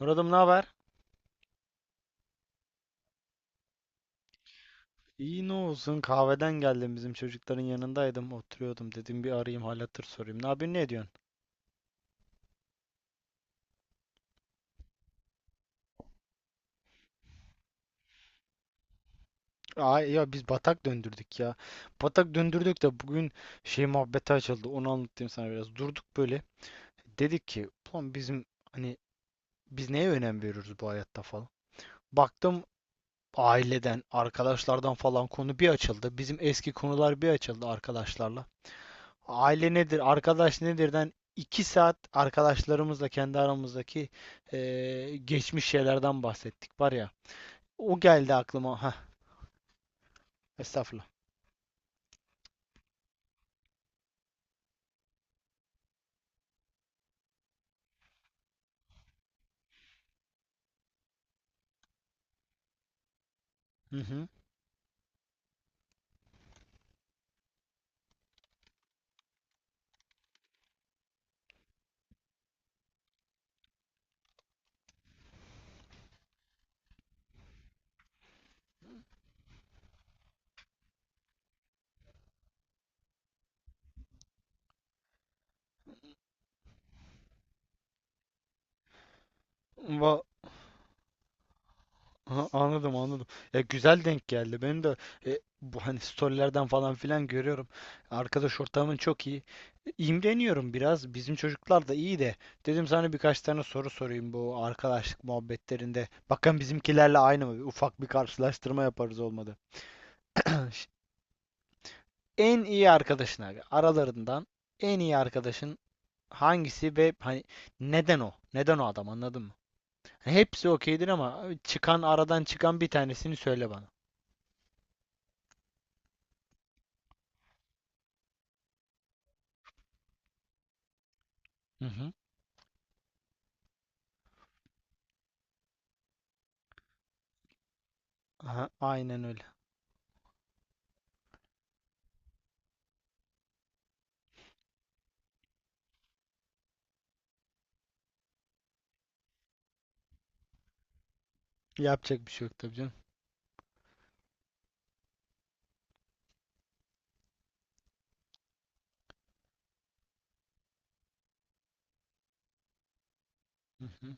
Murat'ım ne haber? İyi ne olsun, kahveden geldim, bizim çocukların yanındaydım, oturuyordum, dedim bir arayayım, hal hatır sorayım. Ne yapıyorsun, ne ediyorsun? Aa ya biz batak döndürdük ya. Batak döndürdük de bugün şey muhabbeti açıldı, onu anlatayım sana biraz. Durduk böyle, dedik ki ulan bizim hani biz neye önem veriyoruz bu hayatta falan. Baktım, aileden arkadaşlardan falan konu bir açıldı. Bizim eski konular bir açıldı arkadaşlarla. Aile nedir, arkadaş nedirden iki saat arkadaşlarımızla kendi aramızdaki geçmiş şeylerden bahsettik var ya. O geldi aklıma. Ha, estağfurullah. Hı hı. Va- ha, anladım. Ya güzel denk geldi. Benim de bu hani storylerden falan filan görüyorum. Arkadaş ortamın çok iyi. İmreniyorum biraz. Bizim çocuklar da iyi de. Dedim sana birkaç tane soru sorayım bu arkadaşlık muhabbetlerinde. Bakın bizimkilerle aynı mı? Ufak bir karşılaştırma yaparız, olmadı. En iyi arkadaşın aralarından en iyi arkadaşın hangisi ve hani neden o? Neden o adam, anladın mı? Hani hepsi okeydir ama çıkan, aradan çıkan bir tanesini söyle bana. Hı hı. Aha, aynen öyle. Yapacak bir şey yok tabii canım. Hı hı.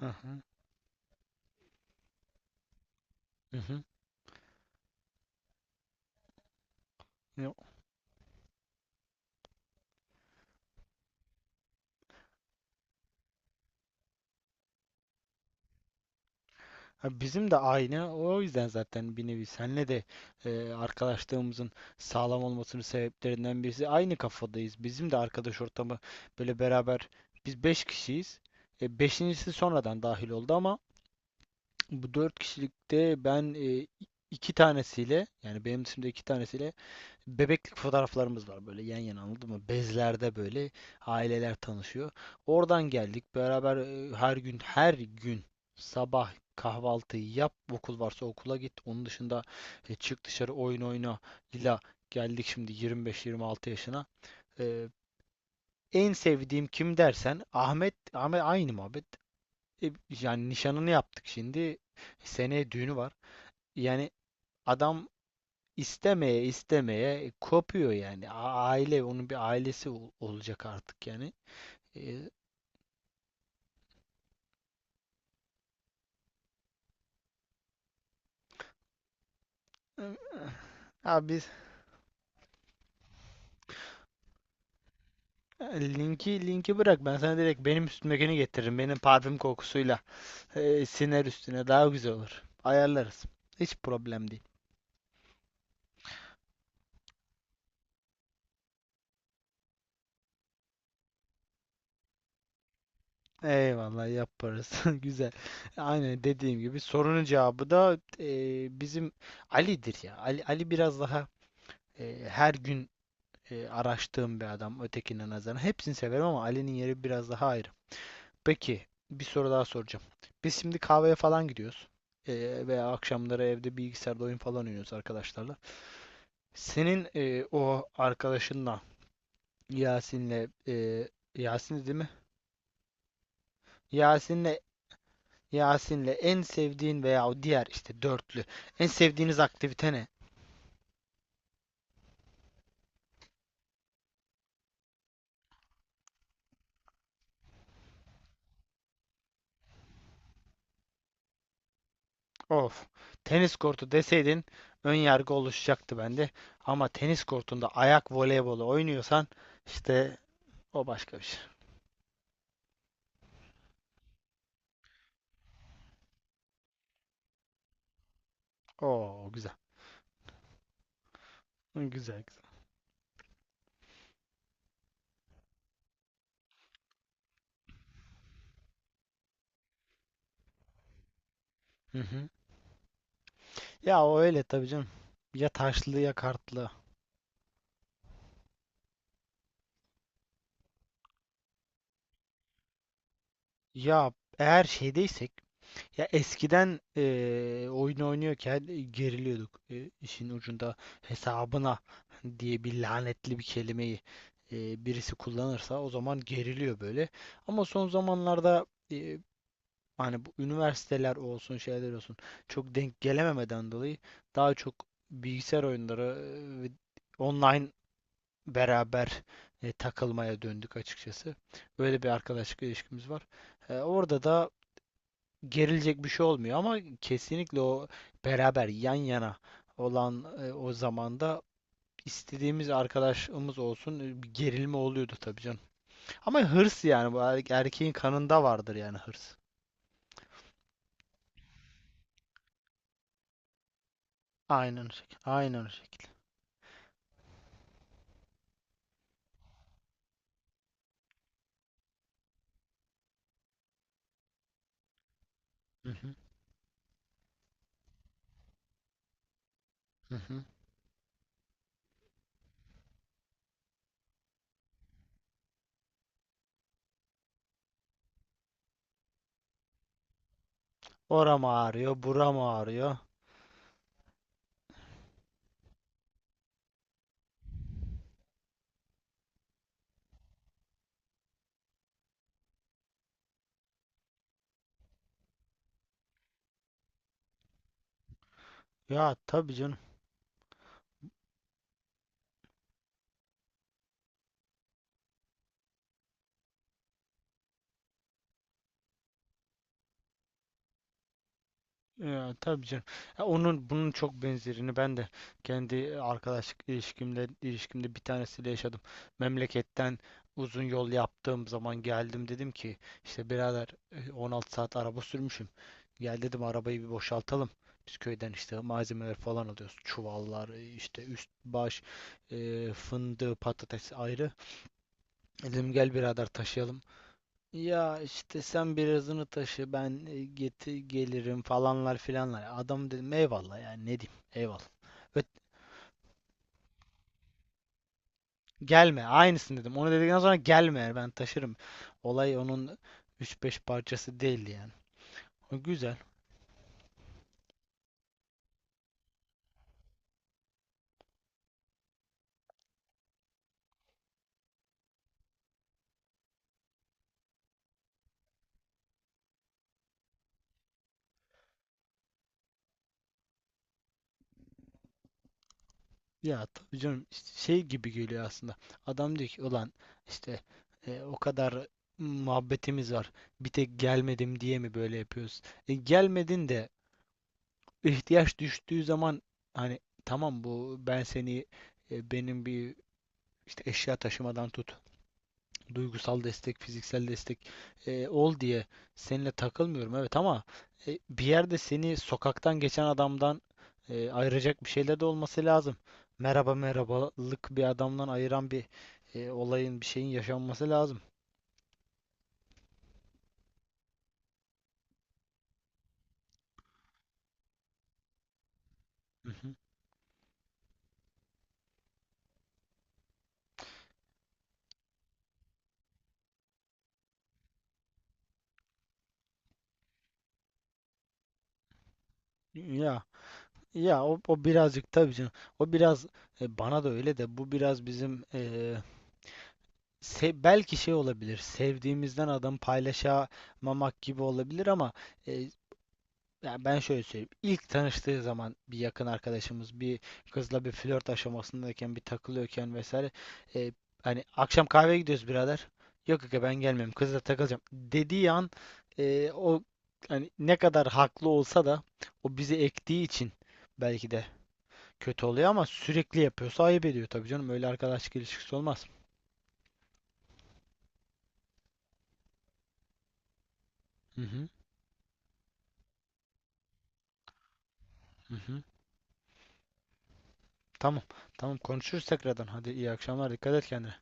Hı hı. Hı hı. Ha, bizim de aynı. O yüzden zaten bir nevi senle de arkadaşlığımızın sağlam olmasının sebeplerinden birisi aynı kafadayız. Bizim de arkadaş ortamı böyle beraber, biz 5 kişiyiz. Beşincisi sonradan dahil oldu ama bu 4 kişilikte ben iki tanesiyle, yani benim dışımda iki tanesiyle bebeklik fotoğraflarımız var böyle yan yana, anladın mı? Bezlerde böyle aileler tanışıyor. Oradan geldik. Beraber her gün her gün sabah kahvaltıyı yap. Okul varsa okula git. Onun dışında çık dışarı oyun oyna. İla geldik şimdi 25-26 yaşına. E, En sevdiğim kim dersen Ahmet, aynı muhabbet. E, Yani nişanını yaptık şimdi. Seneye düğünü var. Yani adam istemeye istemeye kopuyor yani. Aile, onun bir ailesi olacak artık yani. Ee, Abi linki, bırak, ben sana direkt benim üstümdekini getiririm. Benim parfüm kokusuyla siner üstüne, daha güzel olur. Ayarlarız. Hiç problem değil. Eyvallah, yaparız. Güzel. Aynen dediğim gibi sorunun cevabı da bizim Ali'dir ya. Ali, biraz daha her gün araştığım bir adam ötekine nazaran. Hepsini severim ama Ali'nin yeri biraz daha ayrı. Peki, bir soru daha soracağım. Biz şimdi kahveye falan gidiyoruz. Veya akşamları evde bilgisayarda oyun falan oynuyoruz arkadaşlarla. Senin o arkadaşınla, Yasin'le, Yasin değil mi? Yasin'le Yasin'le en sevdiğin veya o diğer işte dörtlü en sevdiğiniz aktivite ne? Of. Tenis kortu deseydin ön yargı oluşacaktı bende. Ama tenis kortunda ayak voleybolu oynuyorsan işte o başka bir şey. Oo, güzel. Güzel, güzel. Hı hı. Ya o öyle tabii canım. Ya taşlı ya kartlı. Ya, eğer şeydeysek ya eskiden oyun oynuyorken geriliyorduk. İşin ucunda hesabına diye bir lanetli bir kelimeyi birisi kullanırsa o zaman geriliyor böyle. Ama son zamanlarda, hani bu üniversiteler olsun şeyler olsun çok denk gelememeden dolayı daha çok bilgisayar oyunları, ve online beraber takılmaya döndük açıkçası. Böyle bir arkadaşlık ilişkimiz var. Orada da gerilecek bir şey olmuyor ama kesinlikle o beraber yan yana olan o zamanda istediğimiz arkadaşımız olsun, bir gerilme oluyordu tabii canım. Ama hırs, yani bu erkeğin kanında vardır yani, hırs. Aynen o şekilde. Aynen o şekilde. Hı hı. Hı hı. Oram ağrıyor, buram ağrıyor. Ya tabii canım. Ya, tabii canım. Ya, onun bunun çok benzerini ben de kendi arkadaşlık ilişkimde bir tanesiyle yaşadım. Memleketten uzun yol yaptığım zaman geldim, dedim ki işte birader, 16 saat araba sürmüşüm. Gel dedim, arabayı bir boşaltalım. Biz köyden işte malzemeler falan alıyoruz. Çuvallar, işte üst baş, fındığı, patates ayrı. Dedim gel birader taşıyalım. Ya işte sen birazını taşı, ben geti gelirim falanlar filanlar. Adam dedim eyvallah, yani ne diyeyim, eyvallah. Ve gelme, aynısını dedim. Onu dedikten sonra gelme, yani ben taşırım. Olay onun üç beş parçası değildi yani. O güzel. Ya tabii canım, işte şey gibi geliyor aslında. Adam diyor ki ulan işte o kadar muhabbetimiz var. Bir tek gelmedim diye mi böyle yapıyoruz? Gelmedin de ihtiyaç düştüğü zaman, hani tamam, bu ben seni benim bir işte eşya taşımadan tut, duygusal destek, fiziksel destek ol diye seninle takılmıyorum evet, ama bir yerde seni sokaktan geçen adamdan ayıracak bir şeyler de olması lazım. Merhaba merhabalık bir adamdan ayıran bir olayın, bir şeyin yaşanması lazım. Hı hı. Ya, o, birazcık tabii canım. O biraz bana da öyle de, bu biraz bizim Se belki şey olabilir. Sevdiğimizden adam paylaşamamak gibi olabilir ama, e, ya ben şöyle söyleyeyim. İlk tanıştığı zaman bir yakın arkadaşımız bir kızla bir flört aşamasındayken bir takılıyorken vesaire, e, hani akşam kahveye gidiyoruz birader. Yok aga, ben gelmiyorum. Kızla takılacağım dediği an o hani ne kadar haklı olsa da o bizi ektiği için belki de kötü oluyor ama sürekli yapıyorsa ayıp ediyor tabii canım. Öyle arkadaşlık ilişkisi olmaz. Hı hı. Hı hı. Tamam. Tamam, konuşuruz tekrardan. Hadi, iyi akşamlar. Dikkat et kendine.